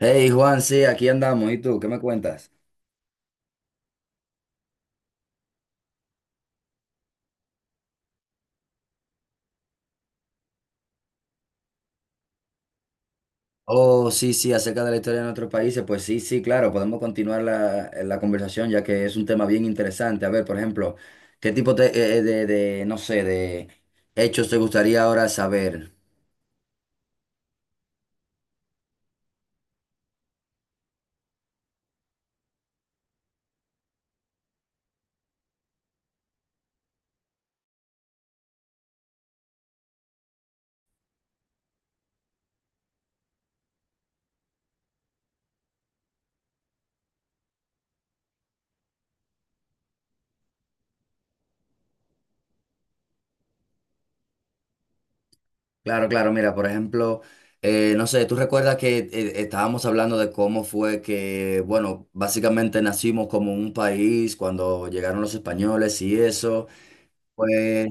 Hey Juan, sí, aquí andamos. ¿Y tú? ¿Qué me cuentas? Oh, sí, sí, acerca de la historia de nuestros países. Pues sí, sí, claro, podemos continuar la conversación ya que es un tema bien interesante. A ver, por ejemplo, ¿qué tipo de no sé, de hechos te gustaría ahora saber? Claro, claro, mira, por ejemplo, no sé, tú recuerdas que estábamos hablando de cómo fue que, bueno, básicamente nacimos como un país cuando llegaron los españoles y eso. Pues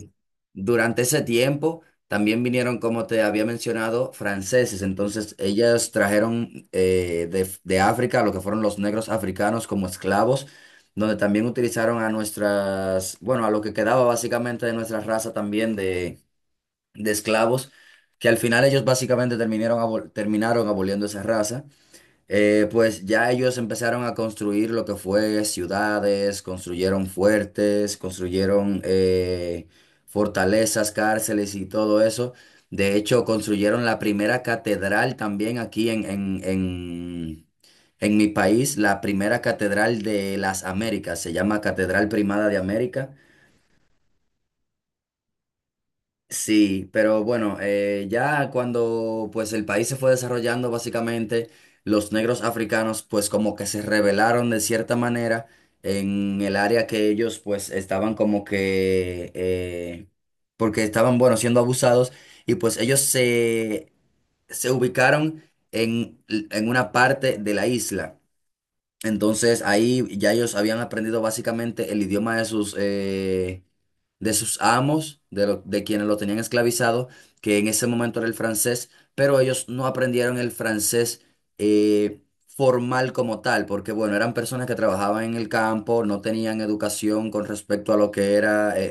durante ese tiempo también vinieron, como te había mencionado, franceses. Entonces ellas trajeron de África lo que fueron los negros africanos como esclavos, donde también utilizaron a nuestras, bueno, a lo que quedaba básicamente de nuestra raza también de esclavos, que al final ellos básicamente terminaron, terminaron aboliendo esa raza. Pues ya ellos empezaron a construir lo que fue ciudades, construyeron fuertes, construyeron fortalezas, cárceles y todo eso. De hecho, construyeron la primera catedral también aquí en mi país, la primera catedral de las Américas, se llama Catedral Primada de América. Sí, pero bueno, ya cuando pues el país se fue desarrollando, básicamente los negros africanos pues como que se rebelaron de cierta manera en el área que ellos pues estaban como que, porque estaban, bueno, siendo abusados y pues ellos se, se ubicaron en una parte de la isla. Entonces ahí ya ellos habían aprendido básicamente el idioma de sus amos, de, de quienes lo tenían esclavizado, que en ese momento era el francés, pero ellos no aprendieron el francés eh, formal como tal, porque bueno, eran personas que trabajaban en el campo, no tenían educación con respecto a lo que era eh,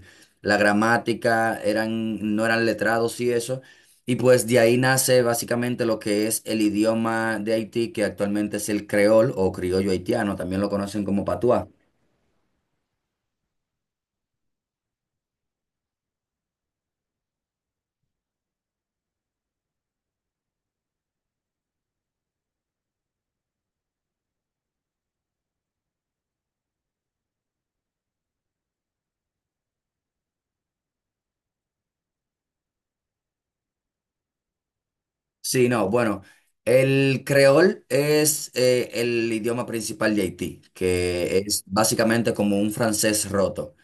eh, la gramática, eran, no eran letrados y eso. Y pues de ahí nace básicamente lo que es el idioma de Haití, que actualmente es el creol o criollo haitiano, también lo conocen como patuá. Sí, no, bueno, el creol es el idioma principal de Haití, que es básicamente como un francés roto.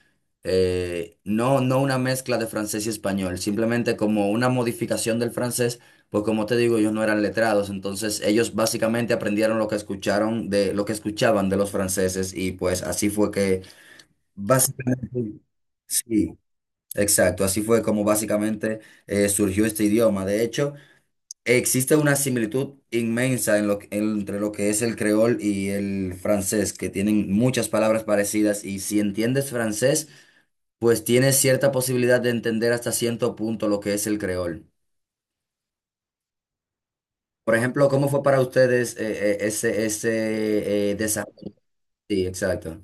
No, no una mezcla de francés y español, simplemente como una modificación del francés, pues como te digo, ellos no eran letrados, entonces ellos básicamente aprendieron lo que escucharon de lo que escuchaban de los franceses y pues así fue que básicamente, sí, exacto. Así fue como básicamente surgió este idioma. De hecho, existe una similitud inmensa en entre lo que es el creol y el francés, que tienen muchas palabras parecidas y si entiendes francés, pues tienes cierta posibilidad de entender hasta cierto punto lo que es el creol. Por ejemplo, ¿cómo fue para ustedes ese desarrollo? Sí, exacto.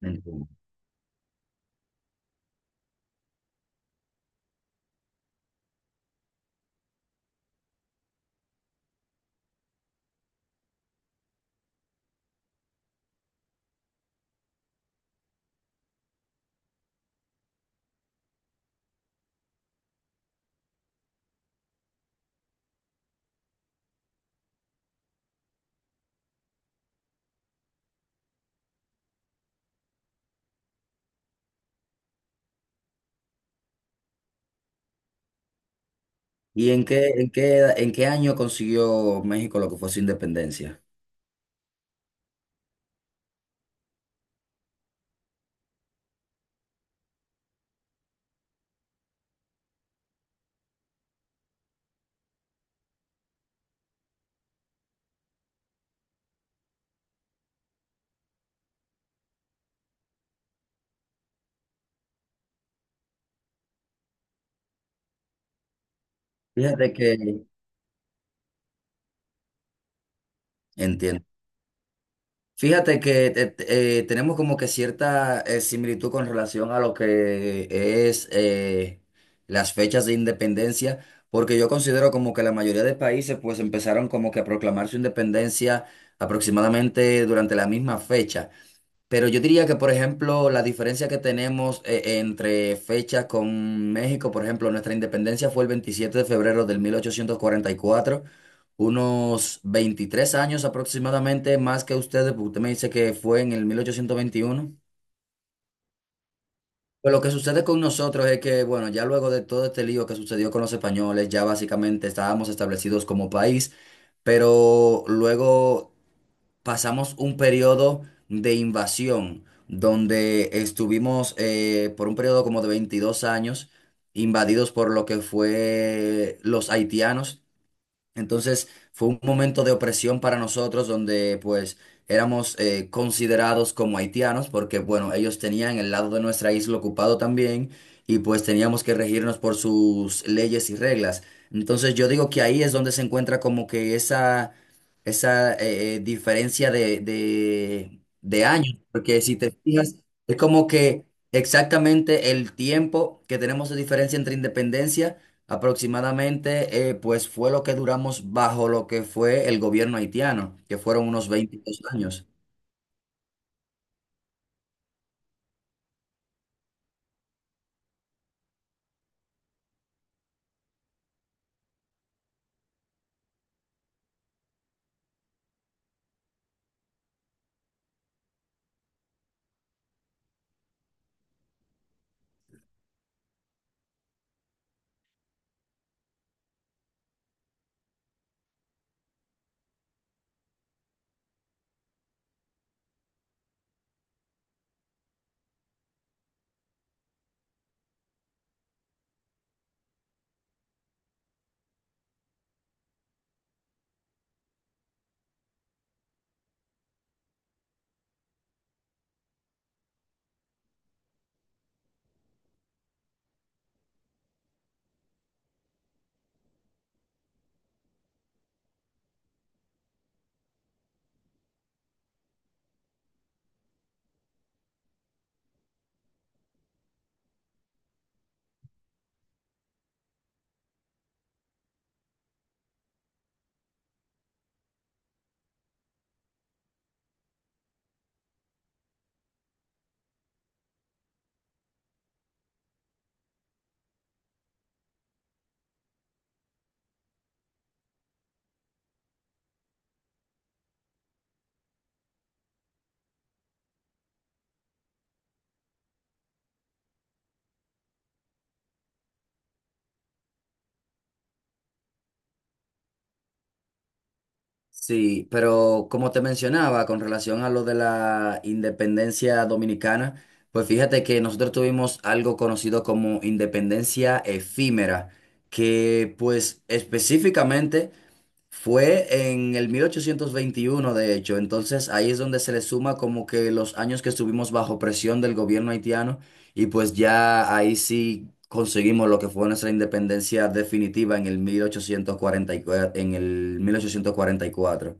Entiendo. ¿Y en qué, en qué, en qué año consiguió México lo que fue su independencia? Fíjate que, entiendo. Fíjate que tenemos como que cierta similitud con relación a lo que es las fechas de independencia, porque yo considero como que la mayoría de países pues empezaron como que a proclamar su independencia aproximadamente durante la misma fecha. Pero yo diría que, por ejemplo, la diferencia que tenemos entre fechas con México, por ejemplo, nuestra independencia fue el 27 de febrero de 1844, unos 23 años aproximadamente más que ustedes, porque usted me dice que fue en el 1821. Pero lo que sucede con nosotros es que, bueno, ya luego de todo este lío que sucedió con los españoles, ya básicamente estábamos establecidos como país, pero luego pasamos un periodo de invasión donde estuvimos por un periodo como de 22 años invadidos por lo que fue los haitianos, entonces fue un momento de opresión para nosotros donde pues éramos considerados como haitianos porque bueno, ellos tenían el lado de nuestra isla ocupado también y pues teníamos que regirnos por sus leyes y reglas. Entonces yo digo que ahí es donde se encuentra como que esa diferencia de años, porque si te fijas, es como que exactamente el tiempo que tenemos de diferencia entre independencia. Aproximadamente, pues fue lo que duramos bajo lo que fue el gobierno haitiano, que fueron unos 22 años. Sí, pero como te mencionaba, con relación a lo de la independencia dominicana, pues fíjate que nosotros tuvimos algo conocido como independencia efímera, que pues específicamente fue en el 1821, de hecho, entonces ahí es donde se le suma como que los años que estuvimos bajo presión del gobierno haitiano y pues ya ahí sí conseguimos lo que fue nuestra independencia definitiva en el 1844, en el 1844.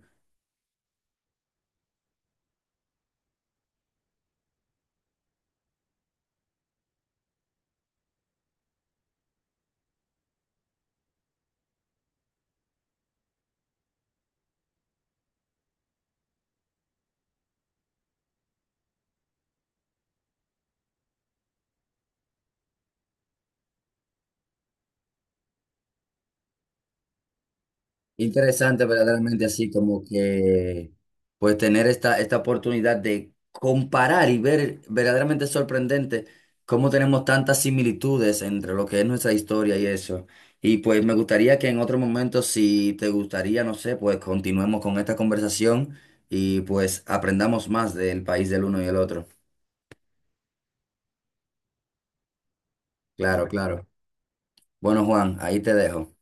Interesante verdaderamente, así como que pues tener esta, esta oportunidad de comparar y ver verdaderamente sorprendente cómo tenemos tantas similitudes entre lo que es nuestra historia y eso. Y pues me gustaría que en otro momento, si te gustaría, no sé, pues continuemos con esta conversación y pues aprendamos más del país del uno y el otro. Claro, claro. Bueno, Juan, ahí te dejo.